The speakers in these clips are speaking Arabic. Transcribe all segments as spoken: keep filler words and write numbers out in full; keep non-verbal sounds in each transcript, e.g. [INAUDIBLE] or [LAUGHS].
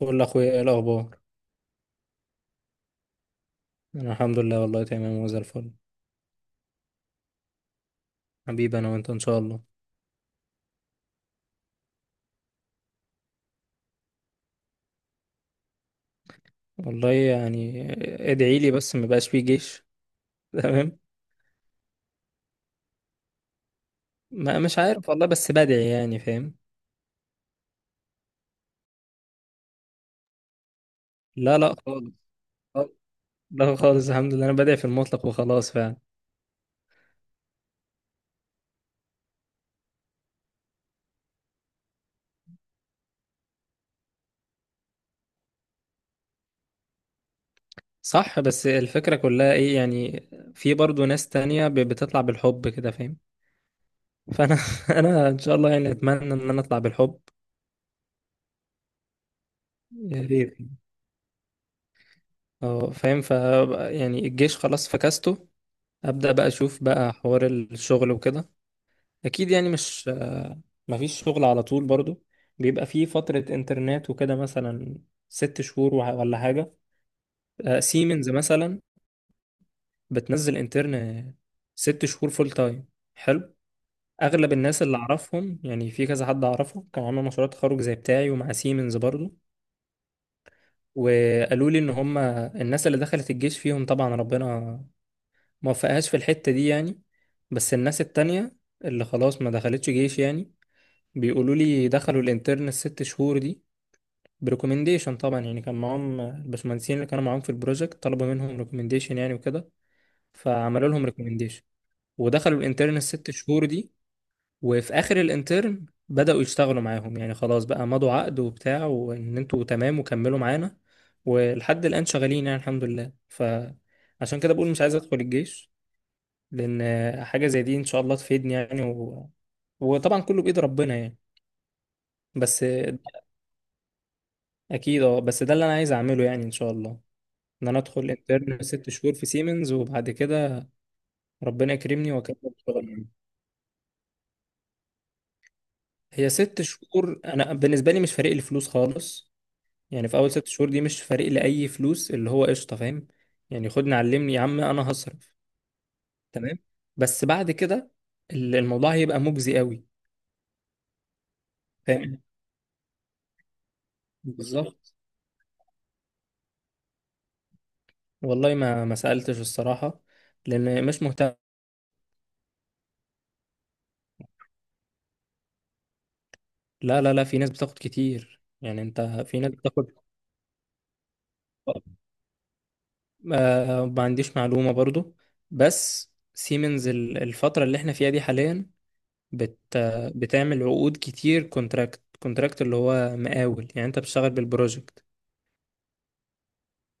بقول لاخويا ايه الاخبار. انا الحمد لله والله تمام وزي الفل. حبيبي انا وانت ان شاء الله. والله يعني ادعي لي بس ما بقاش فيه جيش. [LAUGHS] تمام. ما مش عارف والله بس بدعي يعني فاهم. لا لا خالص. لا خالص الحمد لله انا بدعي في المطلق وخلاص فعلا. صح بس الفكرة كلها ايه يعني. في برضو ناس تانية ب- بتطلع بالحب كده فاهم. فانا [LAUGHS] انا ان شاء الله يعني اتمنى ان انا اطلع بالحب. يا ريت. اه فاهم ف يعني الجيش خلاص فكسته. ابدا بقى اشوف بقى حوار الشغل وكده. اكيد يعني مش آه، مفيش شغل على طول برضو. بيبقى فيه فترة انترنت وكده مثلا. ست شهور وح- ولا حاجة. آه، سيمنز مثلا بتنزل انترن ست شهور فول تايم. حلو. اغلب الناس اللي اعرفهم يعني في كذا حد اعرفه كان عامل مشروع تخرج زي بتاعي ومع سيمنز برضو. وقالوا لي ان هم الناس اللي دخلت الجيش فيهم طبعا ربنا موفقهاش في الحتة دي يعني. بس الناس التانية اللي خلاص ما دخلتش جيش يعني بيقولوا لي دخلوا الانترن الست شهور دي بريكومنديشن طبعا يعني. كان معاهم الباشمهندسين اللي كانوا معاهم في البروجكت طلبوا منهم ريكومنديشن يعني وكده. فعملوا لهم ريكومنديشن ودخلوا الانترن الست شهور دي. وفي اخر الانترن بدأوا يشتغلوا معاهم يعني خلاص بقى مضوا عقد وبتاع وان انتوا تمام وكملوا معانا. ولحد الآن شغالين يعني الحمد لله. فعشان كده بقول مش عايز ادخل الجيش لان حاجه زي دي ان شاء الله تفيدني يعني و... وطبعا كله بايد ربنا يعني. بس اكيد اه بس ده اللي انا عايز اعمله يعني ان شاء الله. ان انا ادخل انترن ست شهور في سيمنز وبعد كده ربنا يكرمني واكمل شغل يعني. هي ست شهور انا بالنسبه لي مش فارق لي فلوس خالص. يعني في اول ست شهور دي مش فارق لي اي فلوس اللي هو قشطه فاهم. يعني خدني علمني يا عم انا هصرف. تمام. بس بعد كده ال- الموضوع هيبقى مجزي قوي. فاهم بالظبط. والله ما ما سألتش الصراحة لأن مش مهتم. لا لا لا في ناس بتاخد كتير يعني أنت في ناس بتاخد. آه ما عنديش معلومة برضو. بس سيمنز ال- الفترة اللي احنا فيها دي حاليا بت آه، بتعمل عقود كتير كونتراكت كونتراكت اللي هو مقاول يعني أنت بتشتغل بالبروجكت.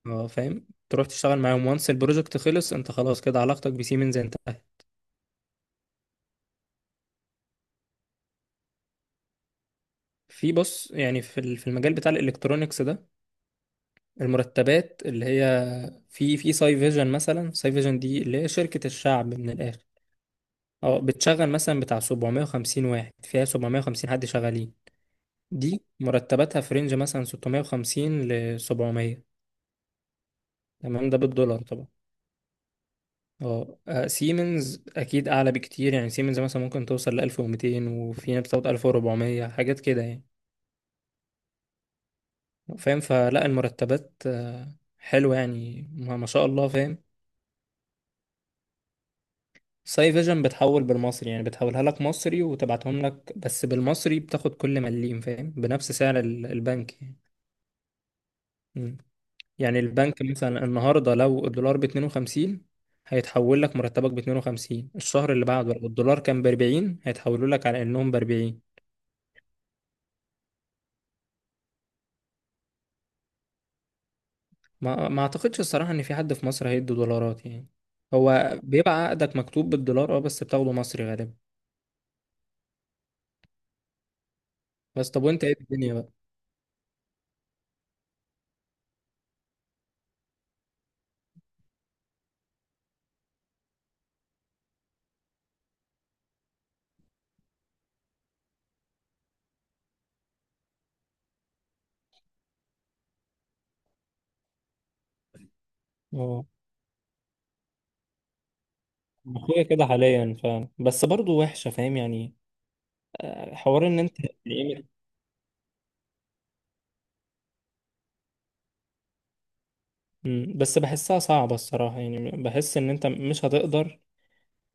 اه فاهم تروح تشتغل معاهم وانس البروجكت خلص انت خلاص كده علاقتك بسيمنز انتهت. في بص يعني في ال- في المجال بتاع الالكترونيكس ده المرتبات اللي هي في في ساي فيجن مثلا. ساي فيجن دي اللي هي شركة الشعب من الآخر. اه بتشغل مثلا بتاع سبعمائة واحد فيها سبعمائة حد شغالين. دي مرتباتها في رينج مثلا ستمائة وخمسين ل سبعمائة. تمام ده بالدولار طبعا. اه آه، سيمنز اكيد اعلى بكتير يعني سيمنز مثلا ممكن توصل ل الف ومتين وفي ناس بتاخد الف واربعمية حاجات كده يعني. فاهم فلا المرتبات آه، حلوة يعني ما ما شاء الله فاهم. ساي فيجن بتحول بالمصري يعني بتحولها لك مصري وتبعتهم لك بس بالمصري بتاخد كل مليم فاهم بنفس سعر ال- البنك يعني. مم. يعني البنك مثلا النهارده لو الدولار ب اتنين وخمسين هيتحول لك مرتبك ب اتنين وخمسين. الشهر اللي بعده لو الدولار كان ب اربعين هيتحولوا لك على انهم ب اربعين. ما ما اعتقدش الصراحه ان في حد في مصر هيدي دولارات يعني. هو بيبقى عقدك مكتوب بالدولار اه بس بتاخده مصري غالبا. بس طب وانت ايه الدنيا بقى. اه اخويا كده حاليا فاهم بس برضه وحشه فاهم يعني. حوار ان انت يعني مم، بس بحسها صعبة الصراحة يعني بحس ان انت مش هتقدر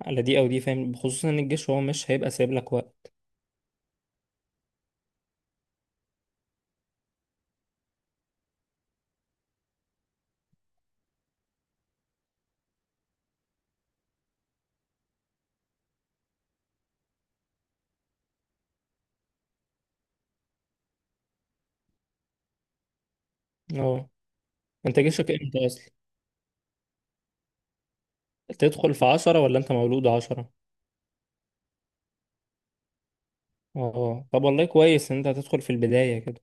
على دي او دي فاهم خصوصا ان الجيش هو مش هيبقى سايب لك وقت. اه انت جيشك امتى اصلا. تدخل في عشرة ولا انت مولود عشرة. اه طب والله كويس ان انت هتدخل في البداية كده.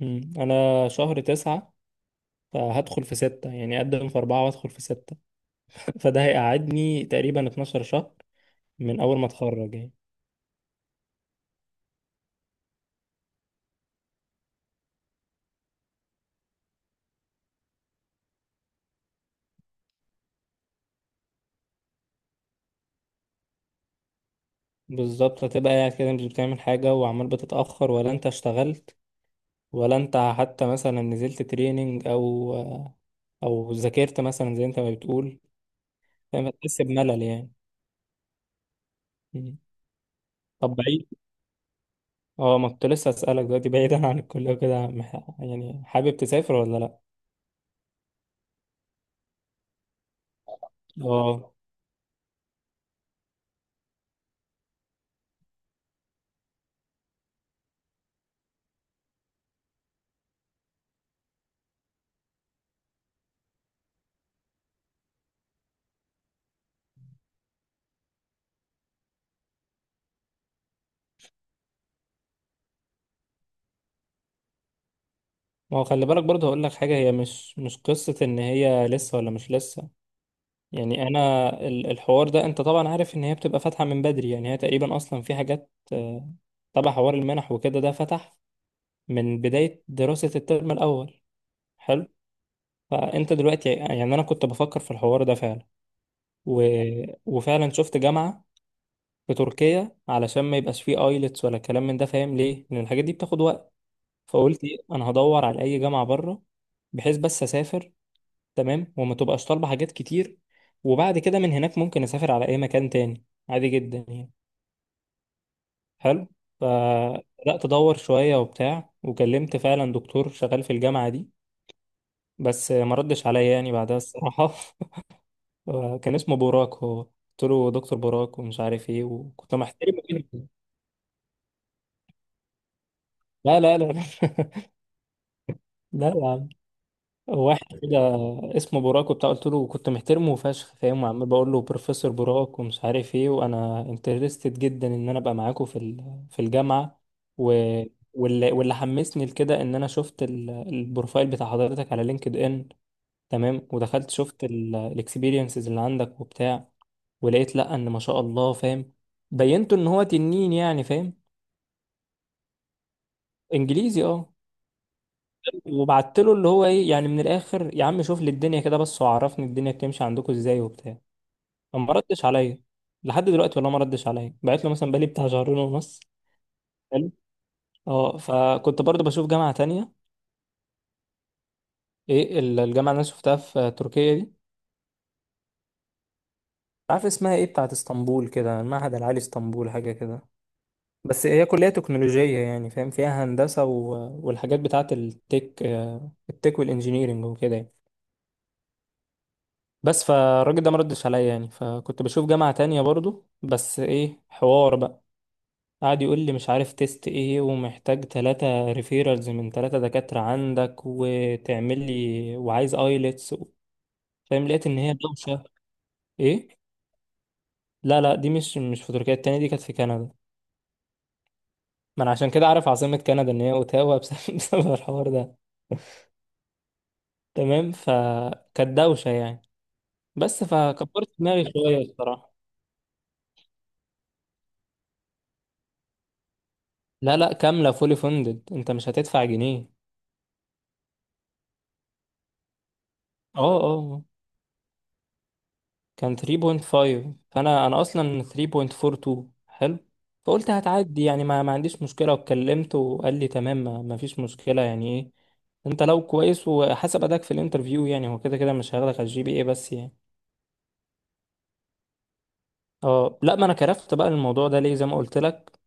مم، انا شهر تسعة فهدخل في ستة يعني اقدم في اربعة وادخل في ستة. [LAUGHS] فده هيقعدني تقريبا اتناشر شهر من اول ما اتخرج يعني. بالظبط هتبقى قاعد كده مش بتعمل حاجة وعمال بتتأخر ولا انت اشتغلت ولا انت حتى مثلا نزلت تريننج او او ذاكرت مثلا زي انت ما بتقول. فاهم هتحس بملل يعني. مم. طب بعيد. اه ما كنت لسه اسالك دلوقتي بعيدا عن الكليه وكده مح- يعني حابب تسافر ولا لا. اه ما هو خلي بالك برضه هقول لك حاجه هي مش مش قصه ان هي لسه ولا مش لسه. يعني انا ال- الحوار ده انت طبعا عارف ان هي بتبقى فاتحه من بدري يعني هي تقريبا اصلا في حاجات آه، تبع حوار المنح وكده ده فتح من بدايه دراسه الترم الاول. حلو. فانت دلوقتي يعني انا كنت بفكر في الحوار ده فعلا و... وفعلا شفت جامعه في تركيا علشان ما يبقاش فيه ايلتس ولا كلام من ده فاهم ليه لان الحاجات دي بتاخد وقت. فقلت إيه، انا هدور على اي جامعه بره بحيث بس اسافر تمام وما تبقاش طالبه حاجات كتير. وبعد كده من هناك ممكن اسافر على اي مكان تاني عادي جدا يعني. حلو. فبدات ادور شويه وبتاع وكلمت فعلا دكتور شغال في الجامعه دي. بس ما ردش عليا يعني بعدها الصراحه [LAUGHS] آه، كان اسمه بوراك. هو قلت له دكتور بوراك ومش عارف ايه وكنت محترمه جدا. لا لا لا لا [LAUGHS] لا يا عم. واحد كده اسمه بوراك وبتاع. قلت له كنت محترمه فشخ فاهم وعمال بقول له بروفيسور بوراك ومش عارف ايه وانا انترستد جدا ان انا ابقى معاكم في ال- في الجامعه. و واللي واللي حمسني لكده ان انا شفت ال- البروفايل بتاع حضرتك على لينكد ان. تمام ودخلت شفت الاكسبيرينسز اللي عندك وبتاع. ولقيت لا ان ما شاء الله فاهم بينته ان هو تنين يعني فاهم. انجليزي اه. وبعت له اللي هو ايه يعني من الاخر يا عم شوف لي الدنيا كده بس وعرفني الدنيا بتمشي عندكم ازاي وبتاع. فما ردش عليا لحد دلوقتي والله ما ردش عليا بعت له مثلا بقالي بتاع شهرين ونص. حلو. اه فكنت برضه بشوف جامعة تانية. ايه ال- الجامعة اللي انا شفتها في تركيا دي عارف اسمها ايه. بتاعت اسطنبول كده المعهد العالي اسطنبول حاجة كده. بس هي كلية تكنولوجية يعني فاهم فيها هندسة و... والحاجات بتاعة التك آه، التك والانجينيرينج وكده يعني. بس فالراجل ده ما ردش عليا يعني فكنت بشوف جامعة تانية برضو بس ايه حوار بقى. قعد يقول لي مش عارف تيست ايه ومحتاج تلاتة ريفيرالز من تلاتة دكاترة عندك وتعمل لي وعايز ايلتس و... فاهم لقيت ان هي دوشة. ايه لا لا دي مش مش في تركيا. التانية دي كانت في كندا. ما انا عشان كده عارف عاصمة كندا ان هي اوتاوا بسبب [LAUGHS] بسبب الحوار ده. تمام فكانت دوشة يعني بس فكبرت دماغي شوية الصراحة. لا لا كاملة فولي فندد انت مش هتدفع جنيه. اه اه اه. كان تلاتة فاصلة خمسة فانا انا اصلا تلاتة فاصلة اتنين واربعين. حلو. فقلت هتعدي يعني ما, ما عنديش مشكلة وكلمته وقال لي تمام ما, ما فيش مشكلة يعني ايه. انت لو كويس وحسب اداك في الانترفيو يعني هو كده كده مش هياخدك على الجي بي اي بس يعني. اه لا ما انا كرفت بقى الموضوع ده ليه زي ما قلت لك.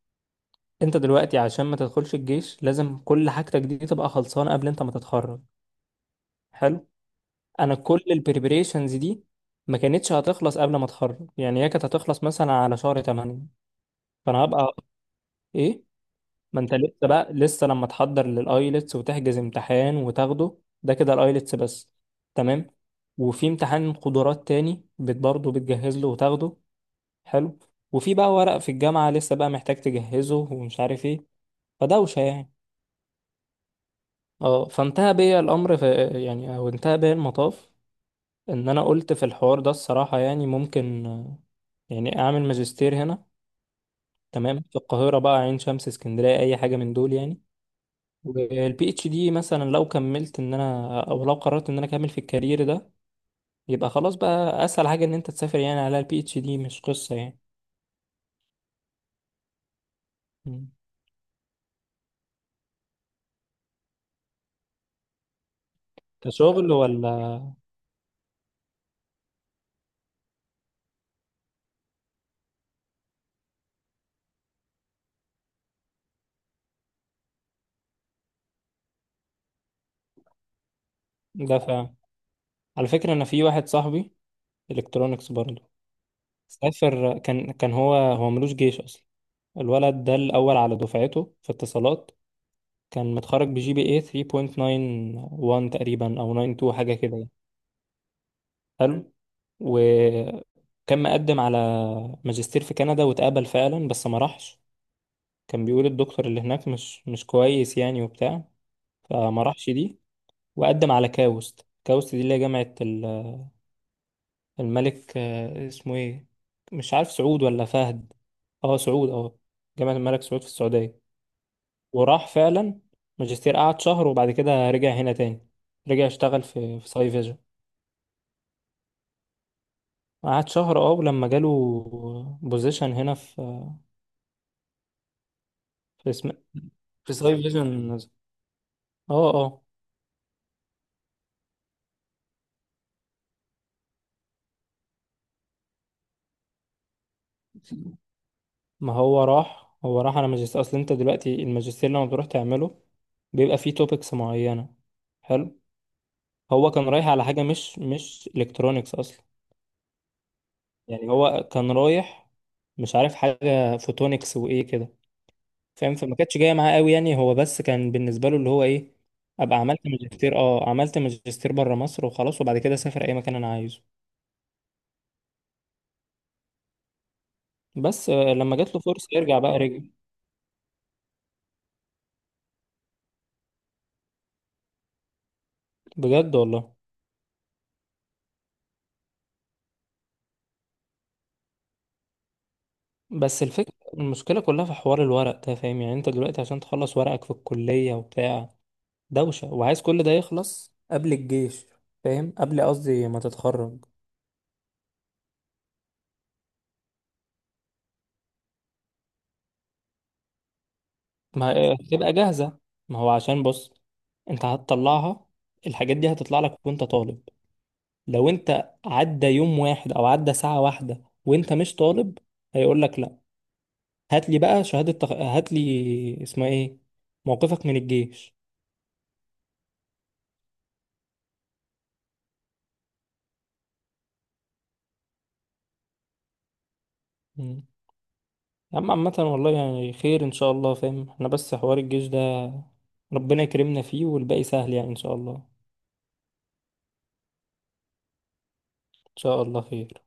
انت دلوقتي عشان ما تدخلش الجيش لازم كل حاجتك دي تبقى خلصانه قبل انت ما تتخرج. حلو. انا كل البريبريشنز دي ما كانتش هتخلص قبل ما اتخرج يعني. هي كانت هتخلص مثلا على شهر تمانية. فانا هبقى ايه. ما انت لسه بقى لسه لما تحضر للايلتس وتحجز امتحان وتاخده ده كده الايلتس بس. تمام. وفي امتحان قدرات تاني بت برضه بتجهز له وتاخده. حلو. وفي بقى ورق في الجامعه لسه بقى محتاج تجهزه ومش عارف ايه فدوشه يعني. اه فانتهى بيا الامر في يعني او انتهى بيا المطاف. ان انا قلت في الحوار ده الصراحه يعني ممكن آه، يعني اعمل ماجستير هنا. تمام في القاهره بقى عين شمس اسكندريه اي حاجه من دول يعني. والبي اتش دي مثلا لو كملت ان انا او لو قررت ان انا اكمل في الكارير ده يبقى خلاص بقى اسهل حاجه ان انت تسافر يعني على البي اتش دي مش قصه يعني. مم. كشغل ولا. ده فعلا. على فكره انا في واحد صاحبي الكترونكس برضه سافر. كان كان هو هو ملوش جيش اصلا. الولد ده الأول على دفعته في اتصالات. كان متخرج بجي بي اي تلاتة فاصلة واحد وتسعين تقريبا أو اتنين وتسعين حاجة كده يعني. حلو. وكان مقدم على ماجستير في كندا واتقبل فعلا بس ما راحش. كان بيقول الدكتور اللي هناك مش مش كويس يعني وبتاع. فما راحش دي. وقدم على كاوست. كاوست دي اللي هي جامعة ال- الملك آه، اسمه ايه مش عارف سعود ولا فهد. اه سعود اه. جامعة الملك سعود في السعودية. وراح فعلا ماجستير قعد شهر. وبعد كده رجع هنا تاني رجع اشتغل في في ساي فيجن. قعد شهر اه ولما جاله بوزيشن هنا في في اسم في ساي فيجن اه اه. ما هو راح هو راح على ماجستير. اصل انت دلوقتي الماجستير لما بتروح تعمله بيبقى فيه توبكس معينة. حلو. هو كان رايح على حاجة مش مش الكترونيكس اصلا. يعني هو كان رايح مش عارف حاجة فوتونكس وايه كده فاهم. فما كانتش جايه معاه قوي يعني هو بس كان بالنسبه له اللي هو ايه. ابقى عملت ماجستير اه عملت ماجستير بره مصر وخلاص وبعد كده اسافر اي مكان انا عايزه. بس آه، لما جات له فرصه يرجع بقى رجع. بجد والله. بس الفكره المشكله كلها في حوار الورق ده فاهم يعني انت دلوقتي عشان تخلص ورقك في الكليه وبتاع دوشه وعايز كل ده يخلص قبل الجيش فاهم قبل قصدي ما تتخرج. ما آه، تبقى جاهزه. ما هو عشان بص انت هتطلعها الحاجات دي هتطلع لك وانت طالب. لو انت عدى يوم واحد او عدى ساعة واحدة وانت مش طالب هيقول لك لا. هات لي بقى شهادة تخ... هات لي اسمها ايه. موقفك من الجيش. مم. يا عم عامة والله يعني خير ان شاء الله فاهم احنا بس حوار الجيش ده ربنا يكرمنا فيه والباقي سهل يعني ان شاء الله ان شاء الله خير